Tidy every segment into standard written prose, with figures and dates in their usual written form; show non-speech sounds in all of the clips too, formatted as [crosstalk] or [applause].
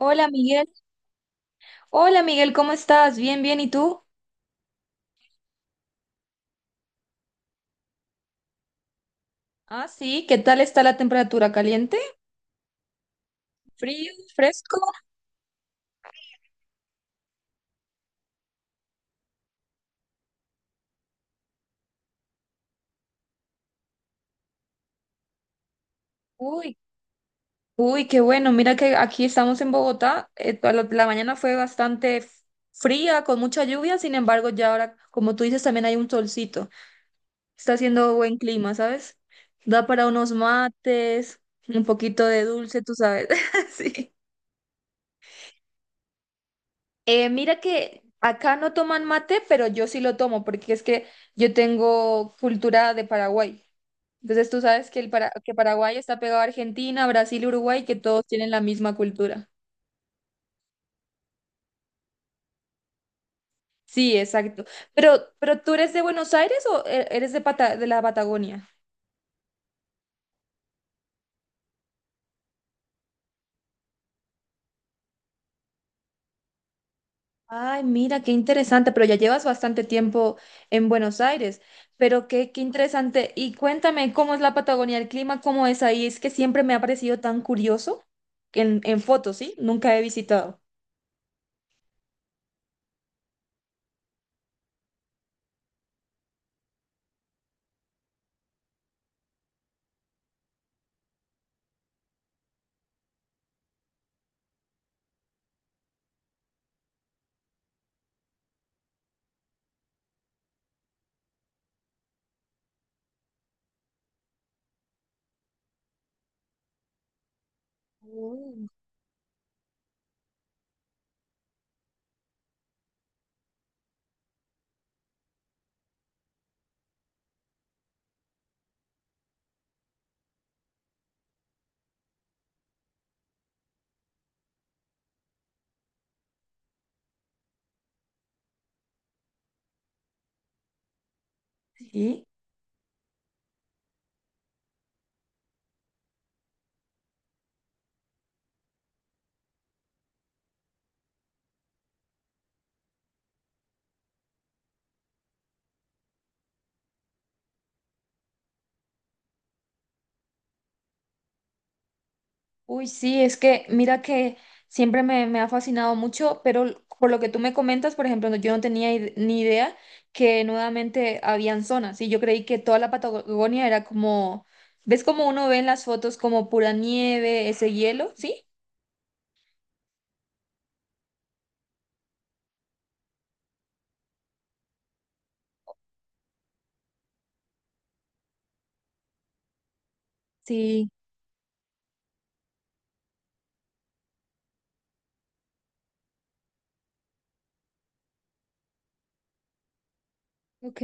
Hola Miguel, hola Miguel, ¿cómo estás? Bien, bien, ¿y tú? Ah, sí, ¿qué tal está la temperatura? ¿Caliente? ¿Frío? ¿Fresco? Uy, uy, qué bueno, mira que aquí estamos en Bogotá, toda la mañana fue bastante fría, con mucha lluvia, sin embargo ya ahora, como tú dices, también hay un solcito, está haciendo buen clima, ¿sabes? Da para unos mates, un poquito de dulce, tú sabes, [laughs] sí. Mira que acá no toman mate, pero yo sí lo tomo porque es que yo tengo cultura de Paraguay. Entonces tú sabes que, que Paraguay está pegado a Argentina, Brasil, Uruguay, que todos tienen la misma cultura. Sí, exacto. Pero, ¿tú eres de Buenos Aires o eres de, de la Patagonia? Ay, mira, qué interesante, pero ya llevas bastante tiempo en Buenos Aires, pero qué interesante. Y cuéntame, ¿cómo es la Patagonia, el clima, cómo es ahí? Es que siempre me ha parecido tan curioso en fotos, ¿sí? Nunca he visitado. Oh. Sí. Uy, sí, es que mira que siempre me ha fascinado mucho, pero por lo que tú me comentas, por ejemplo, yo no tenía ni idea que nuevamente habían zonas y yo creí que toda la Patagonia era como, ¿ves como uno ve en las fotos como pura nieve, ese hielo? ¿Sí? Sí. Ok,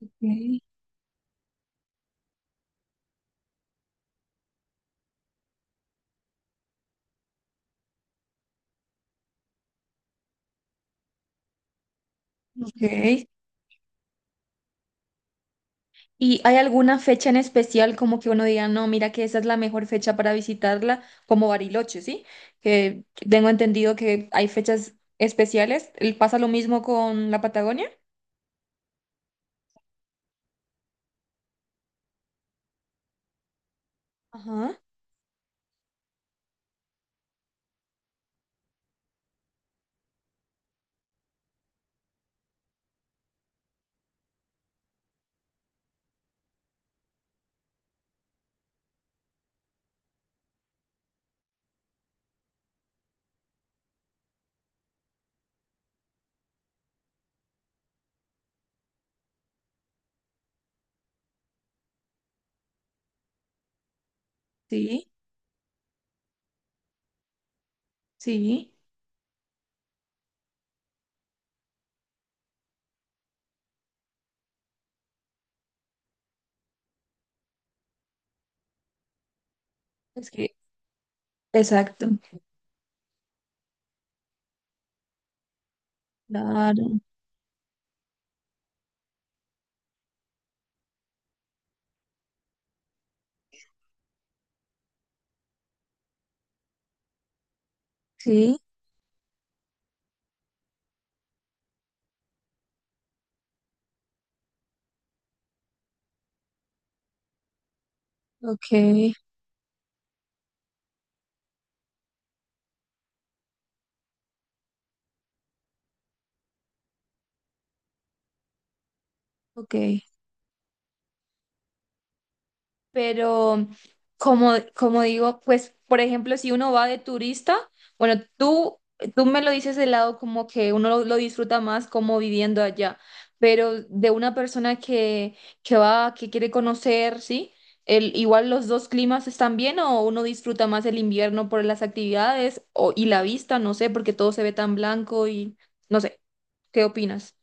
ok, ok, ok. ¿Y hay alguna fecha en especial como que uno diga, no, mira que esa es la mejor fecha para visitarla, como Bariloche, ¿sí? Que tengo entendido que hay fechas especiales. ¿Pasa lo mismo con la Patagonia? Ajá, sí, sí. Es que, exacto. Claro, sí, ok, ok. Pero como digo, pues, por ejemplo, si uno va de turista, bueno, tú me lo dices de lado como que uno lo disfruta más como viviendo allá, pero de una persona que va, que quiere conocer, ¿sí? El, igual los dos climas están bien o uno disfruta más el invierno por las actividades o, y la vista, no sé, porque todo se ve tan blanco y no sé, ¿qué opinas?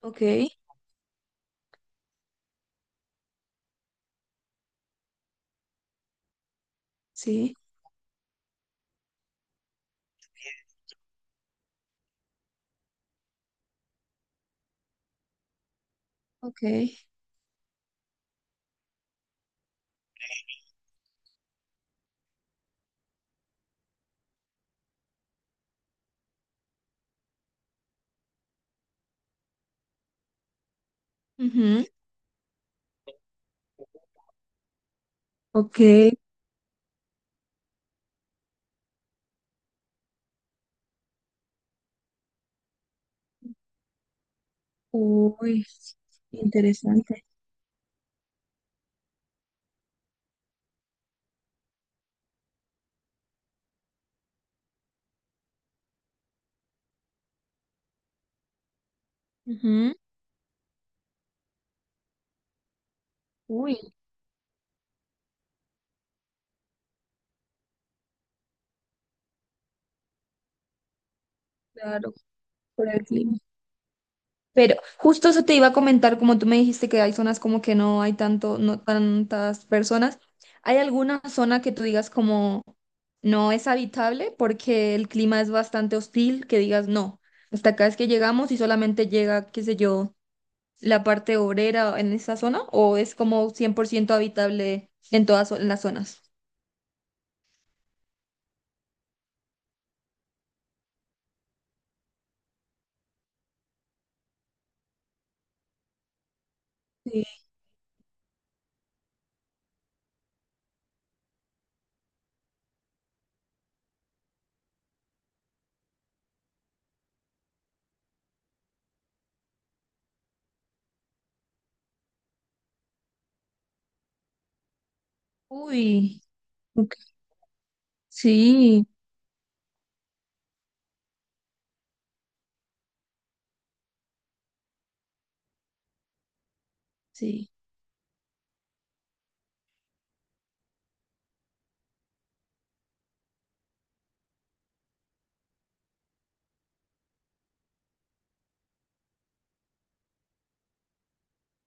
Ok, sí, ok. Ujú. Ok. Uy, interesante. Ujú. Uy. Claro, por el clima. Pero justo eso te iba a comentar, como tú me dijiste que hay zonas como que no hay tanto, no tantas personas. ¿Hay alguna zona que tú digas como no es habitable porque el clima es bastante hostil, que digas no, hasta acá es que llegamos y solamente llega, qué sé yo, la parte obrera en esa zona o es como 100% habitable en en las zonas? Sí. Uy, ok. Sí. Sí,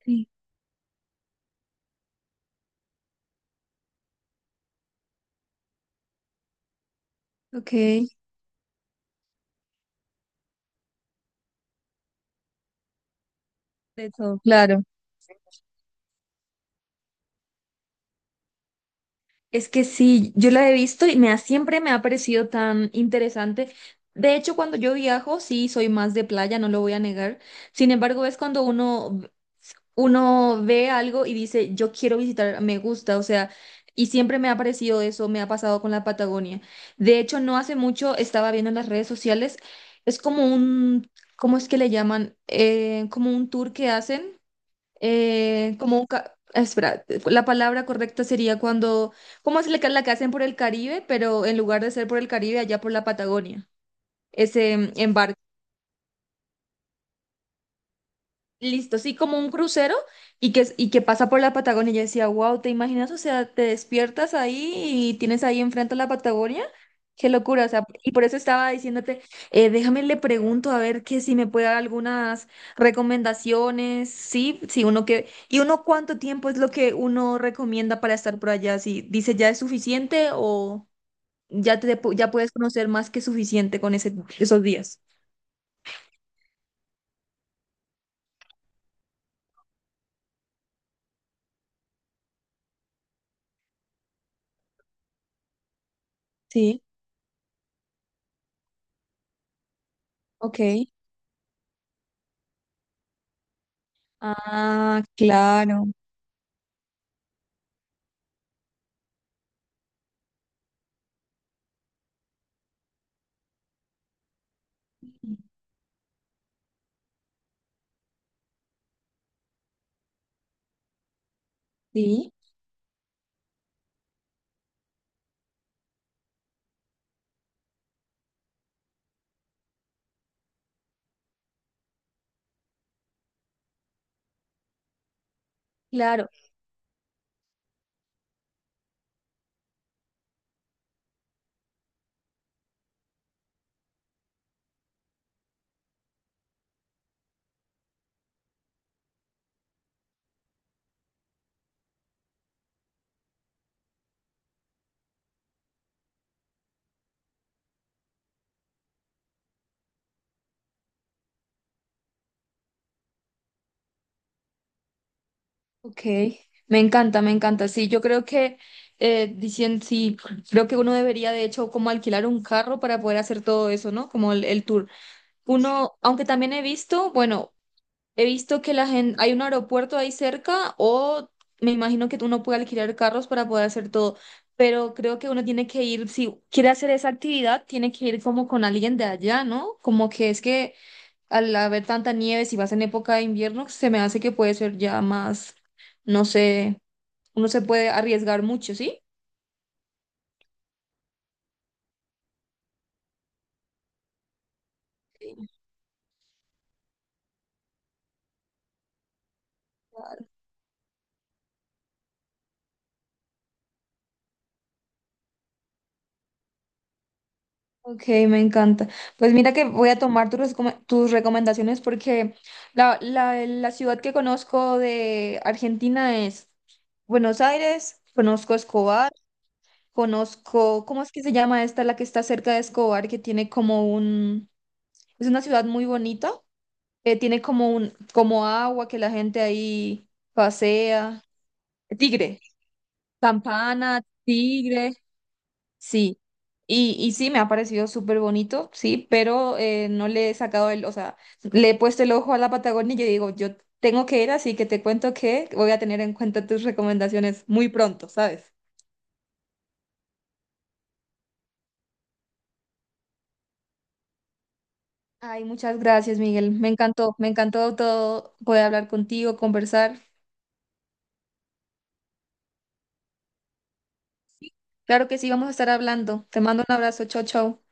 sí, ok, de todo, claro. Es que sí, yo la he visto y siempre me ha parecido tan interesante. De hecho, cuando yo viajo, sí, soy más de playa, no lo voy a negar. Sin embargo, es cuando uno ve algo y dice, yo quiero visitar, me gusta, o sea, y siempre me ha parecido eso, me ha pasado con la Patagonia. De hecho, no hace mucho estaba viendo en las redes sociales, es como un, ¿cómo es que le llaman? Como un tour que hacen. Espera, la palabra correcta sería cuando. ¿Cómo es la que hacen por el Caribe? Pero en lugar de ser por el Caribe, allá por la Patagonia. Ese embarque. Listo, sí, como un crucero y que pasa por la Patagonia. Yo decía, wow, ¿te imaginas? O sea, te despiertas ahí y tienes ahí enfrente a la Patagonia. Qué locura, o sea, y por eso estaba diciéndote, déjame le pregunto a ver que si me puede dar algunas recomendaciones, sí, sí, y uno cuánto tiempo es lo que uno recomienda para estar por allá, si dice ya es suficiente o ya puedes conocer más que suficiente con esos días. Sí, ok. Ah, claro. Sí, claro, ok. Me encanta, me encanta. Sí, yo creo que sí, creo que uno debería de hecho como alquilar un carro para poder hacer todo eso, ¿no? Como el tour. Uno, aunque también he visto, bueno, he visto que la gente, hay un aeropuerto ahí cerca o me imagino que uno puede alquilar carros para poder hacer todo, pero creo que uno tiene que ir, si quiere hacer esa actividad, tiene que ir como con alguien de allá, ¿no? Como que es que al haber tanta nieve, si vas en época de invierno, se me hace que puede ser ya más, no sé, uno se puede arriesgar mucho, ¿sí? Ok, me encanta. Pues mira que voy a tomar tus recomendaciones porque la ciudad que conozco de Argentina es Buenos Aires, conozco Escobar, ¿cómo es que se llama esta, la que está cerca de Escobar, que tiene como un, es una ciudad muy bonita? Tiene como un, como agua que la gente ahí pasea. Tigre, Campana, Tigre, sí. Y sí, me ha parecido súper bonito, sí, pero no le he sacado o sea, le he puesto el ojo a la Patagonia y yo digo, yo tengo que ir, así que te cuento que voy a tener en cuenta tus recomendaciones muy pronto, ¿sabes? Ay, muchas gracias, Miguel. Me encantó todo poder hablar contigo, conversar. Claro que sí, vamos a estar hablando. Te mando un abrazo, chao, chao.